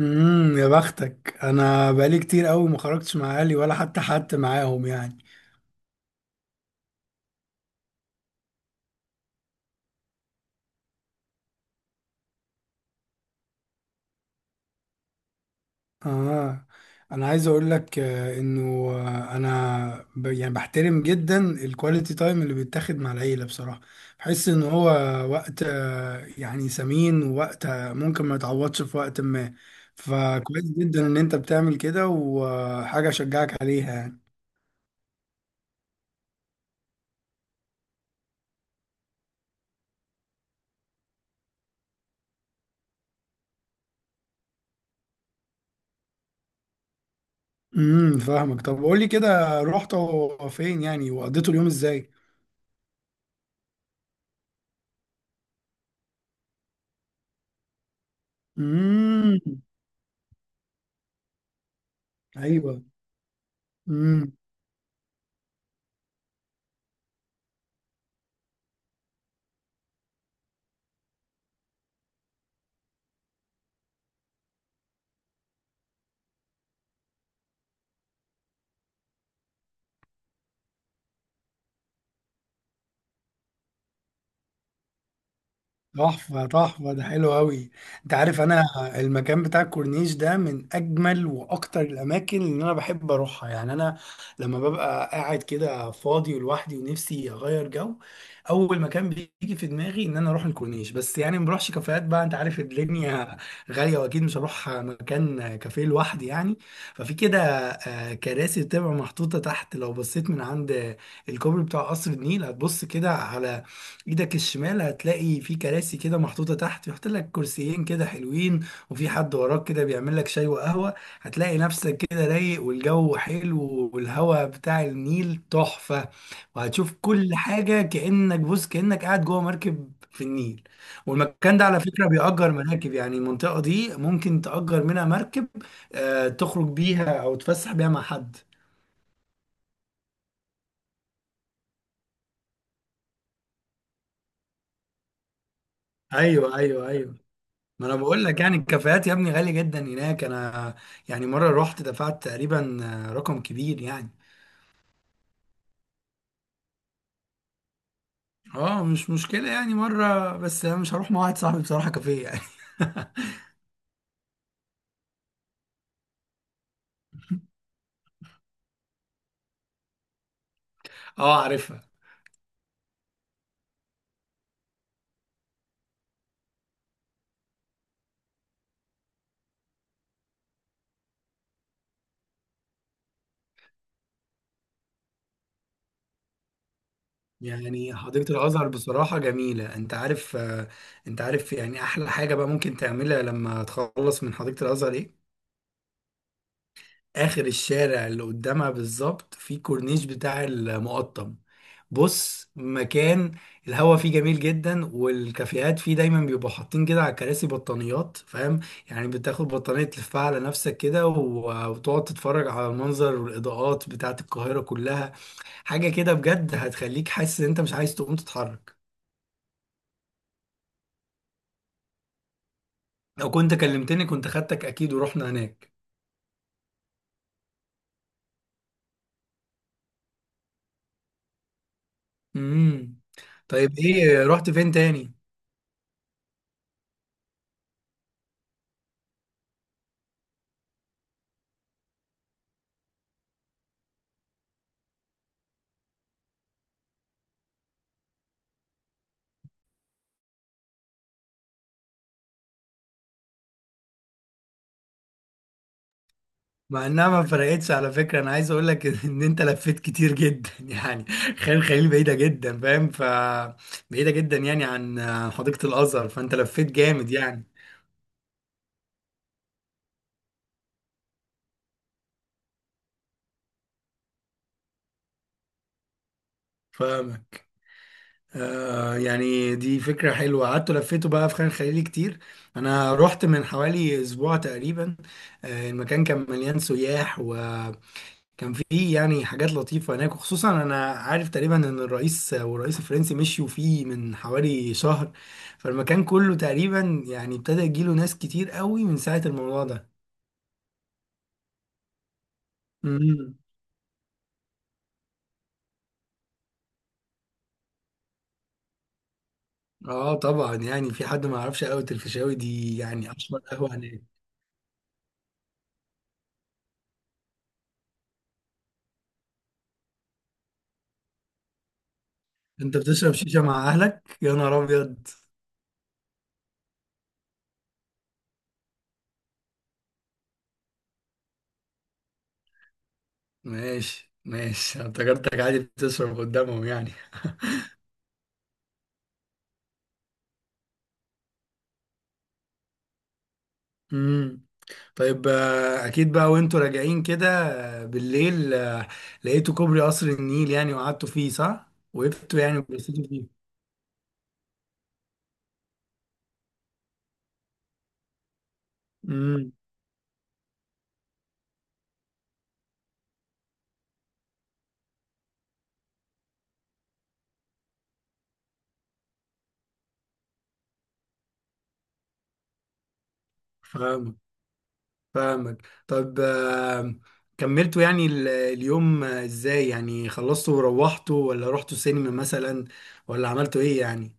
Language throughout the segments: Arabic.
يا بختك، انا بقالي كتير قوي ما خرجتش مع اهلي ولا حتى معاهم يعني. اه، انا عايز اقول لك انه انا يعني بحترم جدا الكواليتي تايم اللي بيتاخد مع العيله. بصراحه بحس ان هو وقت يعني ثمين، ووقت ممكن ما يتعوضش في وقت ما. فكويس جدا ان انت بتعمل كده، وحاجه اشجعك عليها يعني. فاهمك. طب قول لي كده، رحت فين يعني وقضيتوا اليوم ازاي؟ امم. ايوه. امم. تحفه تحفه، ده حلو قوي. انت عارف انا المكان بتاع الكورنيش ده من اجمل واكتر الاماكن اللي انا بحب اروحها يعني. انا لما ببقى قاعد كده فاضي ولوحدي ونفسي اغير جو، اول مكان بيجي في دماغي ان انا اروح الكورنيش. بس يعني ما بروحش كافيهات، بقى انت عارف الدنيا غاليه، واكيد مش هروح مكان كافيه لوحدي يعني. ففي كده كراسي بتبقى محطوطه تحت. لو بصيت من عند الكوبري بتاع قصر النيل، هتبص كده على ايدك الشمال، هتلاقي في كراسي كده محطوطة تحت، يحط لك كرسيين كده حلوين، وفي حد وراك كده بيعمل لك شاي وقهوة. هتلاقي نفسك كده رايق، والجو حلو، والهواء بتاع النيل تحفة. وهتشوف كل حاجة كأنك بص، كأنك قاعد جوه مركب في النيل. والمكان ده على فكرة بيأجر مراكب، يعني المنطقة دي ممكن تأجر منها مركب، تخرج بيها أو تفسح بيها مع حد. ايوه، ايوه، ايوه. ما انا بقول لك، يعني الكافيهات يا ابني غالي جدا هناك. انا يعني مره رحت دفعت تقريبا رقم كبير يعني. اه، مش مشكله يعني مره، بس انا مش هروح مع واحد صاحبي بصراحه كافيه يعني. اه عارفها. يعني حديقه الازهر بصراحه جميله. انت عارف انت عارف يعني احلى حاجه بقى ممكن تعملها لما تخلص من حديقه الازهر ايه؟ اخر الشارع اللي قدامها بالظبط في كورنيش بتاع المقطم. بص، مكان الهوا فيه جميل جدا، والكافيهات فيه دايما بيبقوا حاطين كده على الكراسي بطانيات. فاهم يعني، بتاخد بطانية تلفها على نفسك كده وتقعد تتفرج على المنظر والإضاءات بتاعة القاهرة كلها. حاجة كده بجد هتخليك حاسس ان انت مش عايز تقوم تتحرك. لو كنت كلمتني كنت خدتك اكيد ورحنا هناك. امم. طيب ايه، رحت فين تاني؟ مع انها ما فرقتش على فكره. انا عايز اقول لك ان انت لفيت كتير جدا يعني. خان خليل بعيده جدا فاهم، ف بعيده جدا يعني عن حديقه الازهر، فانت لفيت جامد يعني. فاهمك. آه يعني دي فكره حلوه. قعدت لفيته بقى في خان خليل كتير. انا رحت من حوالي اسبوع تقريبا. آه، المكان كان مليان سياح، و كان في يعني حاجات لطيفة هناك. وخصوصا أنا عارف تقريبا إن الرئيس والرئيس الفرنسي مشيوا فيه من حوالي شهر، فالمكان كله تقريبا يعني ابتدى يجيله ناس كتير قوي من ساعة الموضوع ده. امم. اه طبعا، يعني في حد ما يعرفش قهوة الفيشاوي دي؟ يعني أشهر قهوة هناك. أنت بتشرب شيشة مع أهلك يا نهار أبيض؟ ماشي، ماشي، أنا افتكرتك عادي بتشرب قدامهم يعني. امم. طيب اكيد بقى وانتوا راجعين كده بالليل، لقيتوا كوبري قصر النيل يعني، وقعدتوا فيه، صح؟ وقفتوا يعني وبصيتوا فيه. امم. فاهمك، فاهمك. طب كملتوا يعني اليوم ازاي يعني؟ خلصتوا وروحتوا، ولا رحتوا سينما مثلا، ولا عملتوا ايه يعني؟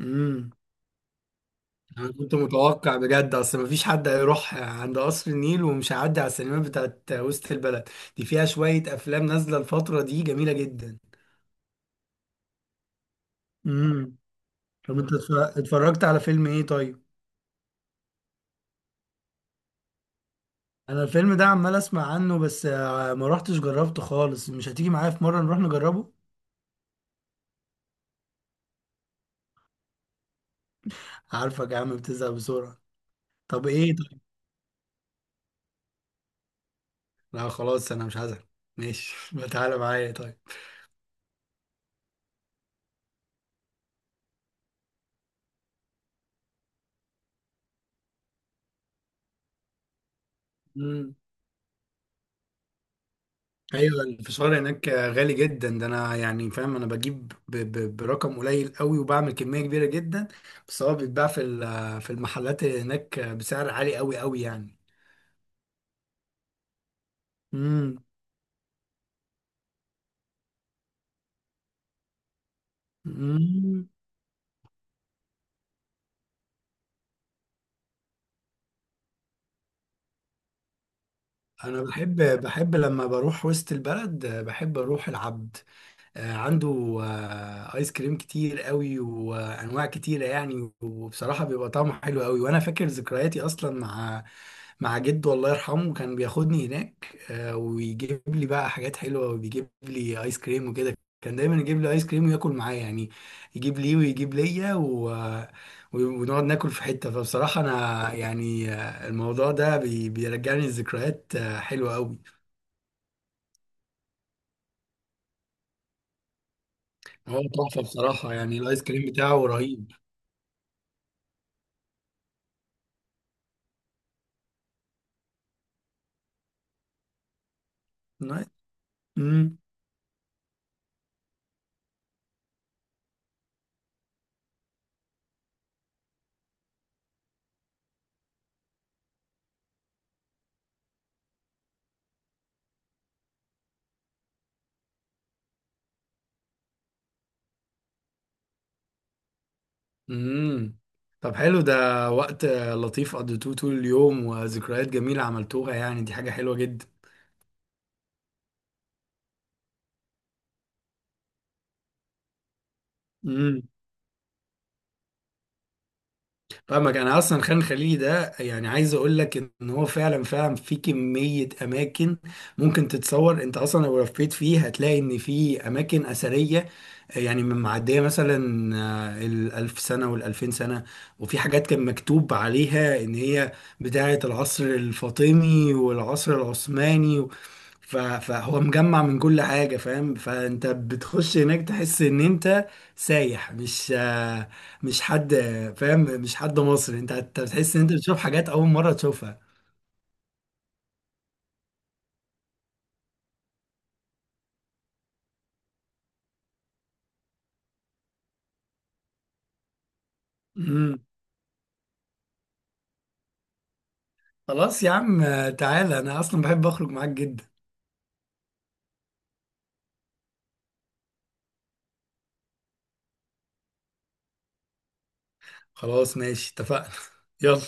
امم. انا كنت متوقع بجد، اصل مفيش حد هيروح عند قصر النيل ومش هيعدي على السينمات بتاعت وسط البلد. دي فيها شوية افلام نازلة الفترة دي جميلة جدا. طب انت اتفرجت على فيلم ايه طيب؟ انا الفيلم ده عمال اسمع عنه، بس ما روحتش جربته خالص. مش هتيجي معايا في مرة نروح نجربه؟ عارفك يا عم بتزهق بسرعة. طب ايه طيب؟ لا خلاص، انا مش هزهق. ماشي ما تعالى معايا طيب. مم. ايوه، الفشار هناك غالي جدا. ده انا يعني فاهم، انا بجيب ب ب برقم قليل قوي وبعمل كمية كبيرة جدا. بس هو بيتباع في في المحلات هناك بسعر عالي قوي قوي يعني. امم. انا بحب، لما بروح وسط البلد بحب اروح العبد. عنده ايس كريم كتير قوي وانواع كتيره يعني، وبصراحه بيبقى طعمه حلو قوي. وانا فاكر ذكرياتي اصلا مع مع جده، الله يرحمه. كان بياخدني هناك ويجيب لي بقى حاجات حلوه، وبيجيب لي ايس كريم وكده، كان دايما يجيب لي ايس كريم وياكل معايا يعني. يجيب لي ويجيب ليا ونقعد ناكل في حته. فبصراحه انا يعني الموضوع ده بيرجعني لذكريات حلوه قوي. هو تحفه بصراحه، يعني الايس كريم بتاعه رهيب. امم. امم. طب حلو ده. وقت لطيف قضيتوه طول اليوم، وذكريات جميلة عملتوها يعني، دي حاجة حلوة جدا. فاهمك. انا اصلا خان خليلي ده يعني عايز اقول لك ان هو فعلا، فعلا في كميه اماكن ممكن تتصور. انت اصلا لو لفيت فيه هتلاقي ان في اماكن اثريه يعني من معديه مثلا الالف سنه والالفين سنه. وفي حاجات كان مكتوب عليها ان هي بتاعه العصر الفاطمي والعصر العثماني فهو مجمع من كل حاجه فاهم. فانت بتخش هناك تحس ان انت سايح، مش مش حد فاهم، مش حد مصري. انت هتحس ان انت بتشوف حاجات اول مره تشوفها. امم. خلاص يا عم، تعالى. انا اصلا بحب اخرج معاك جدا. خلاص، ماشي، اتفقنا يلا.